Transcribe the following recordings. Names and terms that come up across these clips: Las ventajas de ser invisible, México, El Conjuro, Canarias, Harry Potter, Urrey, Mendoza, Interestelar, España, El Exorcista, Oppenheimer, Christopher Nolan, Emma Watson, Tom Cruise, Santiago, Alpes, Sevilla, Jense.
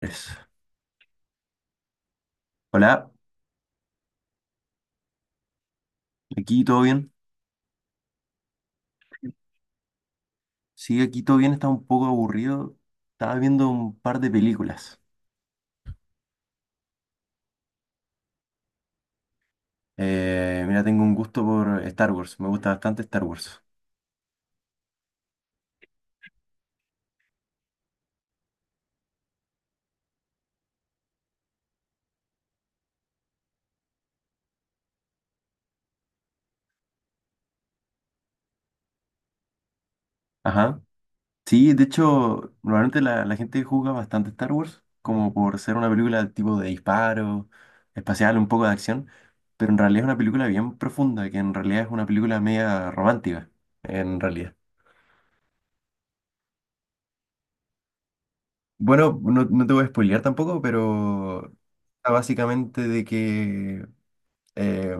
Pues, Hola, aquí todo bien. Sí, aquí todo bien, está un poco aburrido. Estaba viendo un par de películas. Mira, tengo un gusto por Star Wars, me gusta bastante Star Wars. Ajá. Sí, de hecho, normalmente la gente juzga bastante Star Wars, como por ser una película tipo de disparo, espacial, un poco de acción, pero en realidad es una película bien profunda, que en realidad es una película media romántica, en realidad. Bueno, no, no te voy a spoilear tampoco, pero está Básicamente de que eh,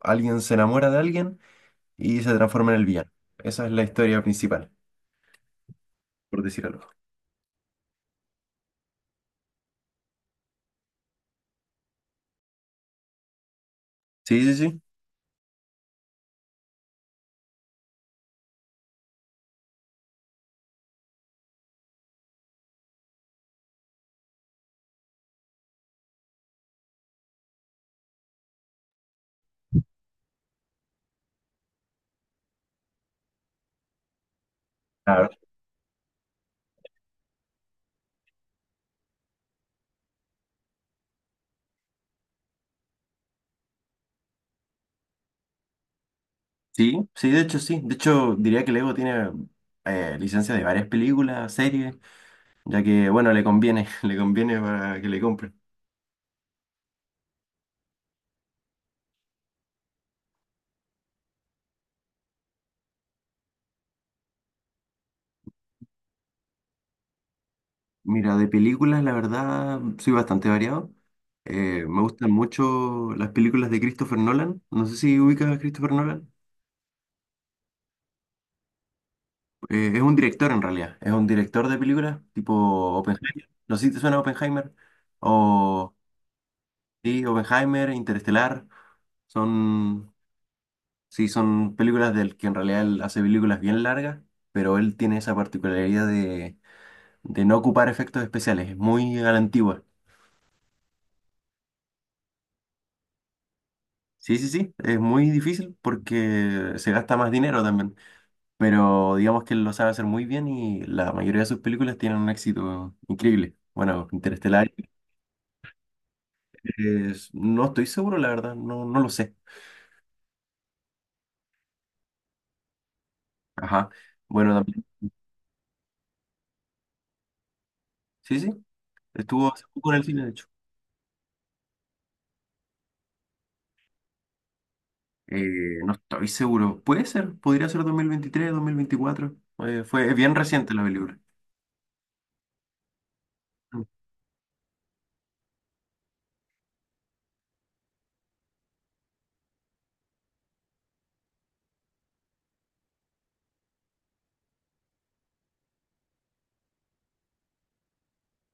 alguien se enamora de alguien y se transforma en el villano. Esa es la historia principal, por decir algo. Sí, sí, sí. A ver. Sí, sí. De hecho, diría que Lego tiene licencia de varias películas, series, ya que, bueno, le conviene, le conviene para que le compren. Mira, de películas, la verdad, soy bastante variado. Me gustan mucho las películas de Christopher Nolan. No sé si ubicas a Christopher Nolan. Es un director en realidad, es un director de películas tipo Oppenheimer. No sé si te suena Oppenheimer. O sí, Oppenheimer, Interestelar. Son, sí, son películas del que en realidad él hace películas bien largas, pero él tiene esa particularidad de no ocupar efectos especiales. Es muy a la antigua. Sí, sí, sí, es muy difícil porque se gasta más dinero también. Pero digamos que él lo sabe hacer muy bien y la mayoría de sus películas tienen un éxito increíble. Bueno, Interestelar. No estoy seguro, la verdad, no, no lo sé. Ajá. Bueno, también. Sí, sí. Estuvo hace poco en el cine, de hecho. No estoy seguro. Puede ser, podría ser 2023, 2024. Fue es bien reciente la película. Mm.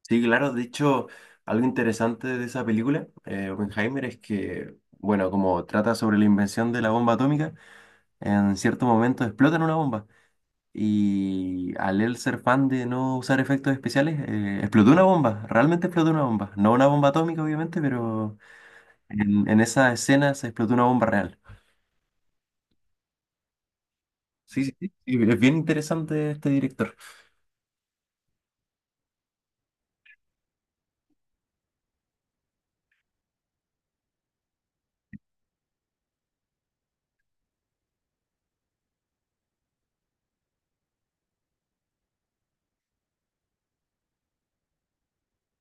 Sí, claro. De hecho, algo interesante de esa película, Oppenheimer, es que, bueno, como trata sobre la invención de la bomba atómica, en cierto momento explotan una bomba. Y al él ser fan de no usar efectos especiales, explotó una bomba, realmente explotó una bomba. No una bomba atómica, obviamente, pero en esa escena se explotó una bomba real. Sí, sí, sí, sí, es bien interesante este director.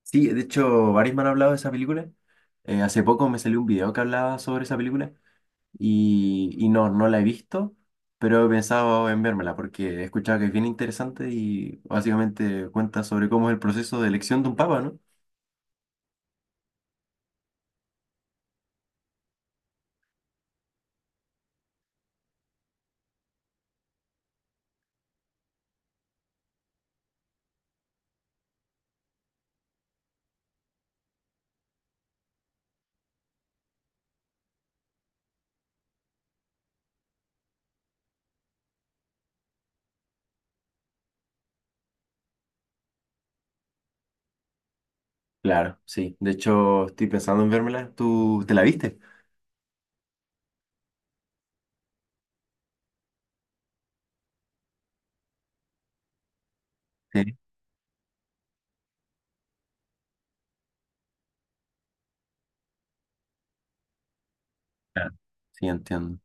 Sí, de hecho, varios me han hablado de esa película. Hace poco me salió un video que hablaba sobre esa película y, no la he visto, pero he pensado en vérmela porque he escuchado que es bien interesante y básicamente cuenta sobre cómo es el proceso de elección de un papa, ¿no? Claro, sí. De hecho, estoy pensando en vérmela. ¿Tú te la viste? Sí. Claro. Sí, entiendo.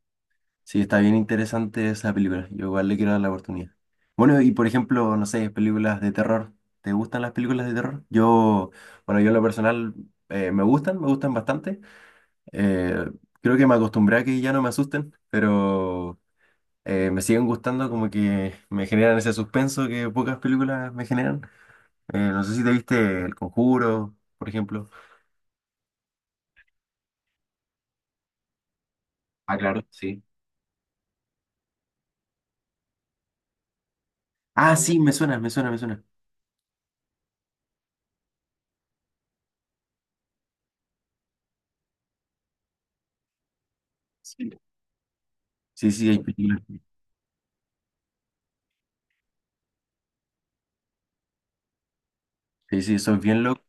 Sí, está bien interesante esa película. Yo igual le quiero dar la oportunidad. Bueno, y por ejemplo, no sé, películas de terror. ¿Te gustan las películas de terror? Yo, bueno, yo en lo personal me gustan bastante. Eh, Creo que me acostumbré a que ya no me asusten, pero me siguen gustando como que me generan ese suspenso que pocas películas me generan. No sé si te viste El Conjuro, por ejemplo. Ah, claro, sí. Ah, sí, me suena, me suena, me suena. Sí. Sí, sí, hay películas. Sí, sí, son bien locos.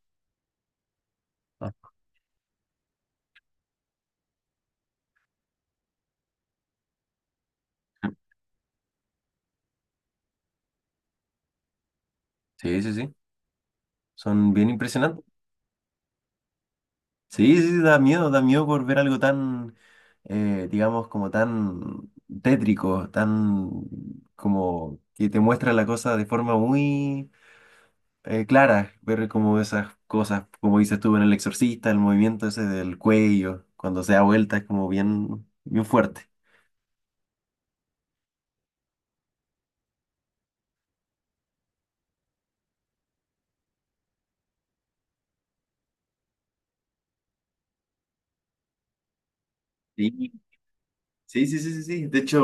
Sí, sí, sí. Son bien impresionantes. Sí, sí, sí, da miedo por ver algo tan, digamos, como tan tétrico, tan como que te muestra la cosa de forma muy clara. Ver como esas cosas, como dices tú en El Exorcista, el movimiento ese del cuello, cuando se da vuelta, es como bien, bien fuerte. Sí. Sí, sí, sí, sí, sí. De hecho,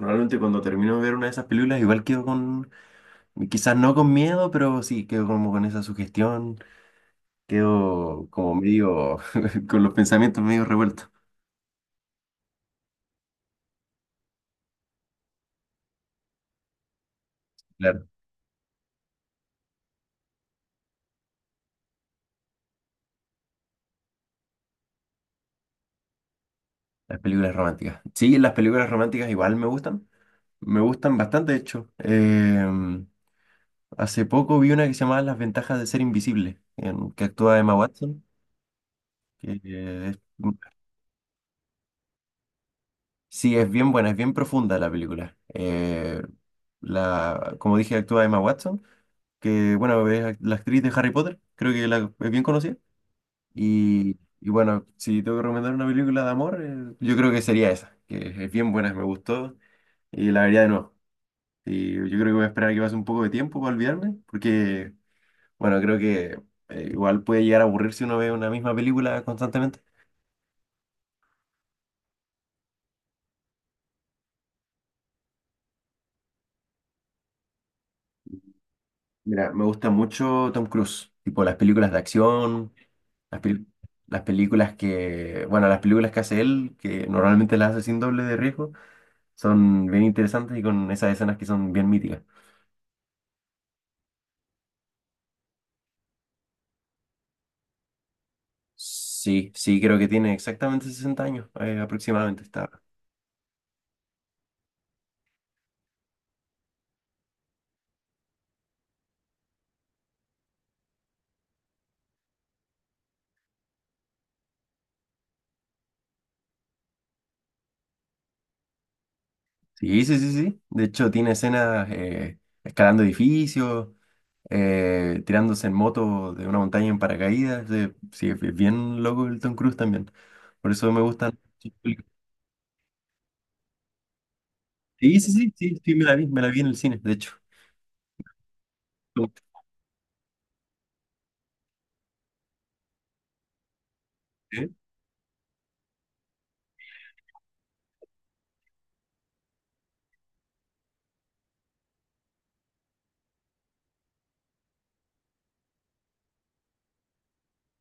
normalmente cuando termino de ver una de esas películas, igual quedo con, quizás no con miedo, pero sí, quedo como con esa sugestión, quedo como medio, con los pensamientos medio revueltos. Claro, las películas románticas. Sí, las películas románticas igual me gustan bastante, de hecho. Hace poco vi una que se llamaba Las ventajas de ser invisible, en, que actúa Emma Watson, que es sí, es bien buena, es bien profunda la película. La, como dije, actúa Emma Watson, que bueno, la actriz de Harry Potter, creo que la, es bien conocida. Y bueno, si tengo que recomendar una película de amor, yo creo que sería esa, que es bien buena, me gustó y la vería de nuevo. Y yo creo que voy a esperar a que pase un poco de tiempo para olvidarme, porque bueno, creo que igual puede llegar a aburrir si uno ve una misma película constantemente. Mira, me gusta mucho Tom Cruise, tipo las películas de acción. Las, pel- las películas que, bueno, las películas que hace él, que normalmente las hace sin doble de riesgo, son bien interesantes y con esas escenas que son bien míticas. Sí, sí, creo que tiene exactamente 60 años, aproximadamente está. Sí, sí, sí, sí. De hecho, tiene escenas escalando edificios, tirándose en moto de una montaña en paracaídas. Sí, es bien loco el Tom Cruise también. Por eso me gustan. Sus películas. Sí, sí, sí, sí, sí, me la vi en el cine, de hecho. ¿Eh?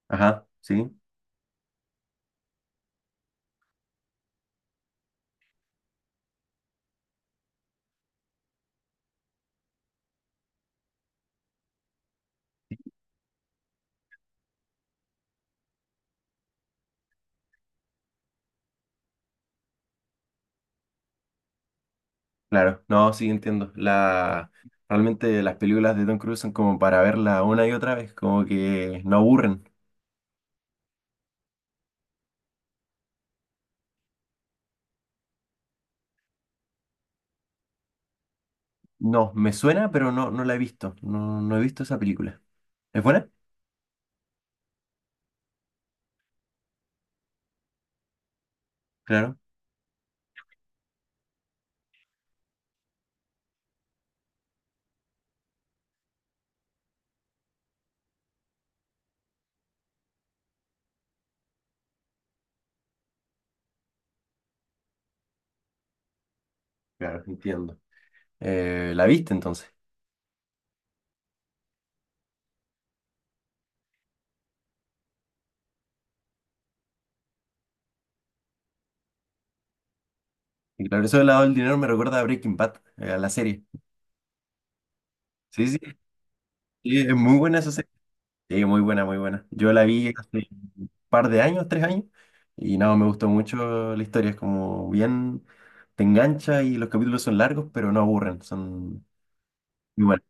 Ajá, sí. Claro, no, sí entiendo. La, realmente las películas de Tom Cruise son como para verla una y otra vez, como que no aburren. No, me suena, pero no, no la he visto. No, no he visto esa película. ¿Es buena? Claro, claro, entiendo. ¿La viste entonces? Y claro, eso del lado del dinero me recuerda a Breaking Bad, a la serie. Sí, sí, sí, es muy buena esa serie. Sí, muy buena, muy buena. Yo la vi hace par de años, tres años, y no, me gustó mucho la historia, es como bien, te engancha y los capítulos son largos, pero no aburren, son muy buenos.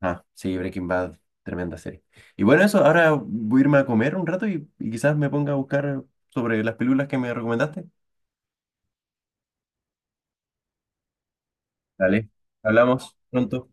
Ah, sí, Breaking Bad, tremenda serie. Y bueno, eso, ahora voy a irme a comer un rato y quizás me ponga a buscar sobre las películas que me recomendaste. Dale, hablamos pronto.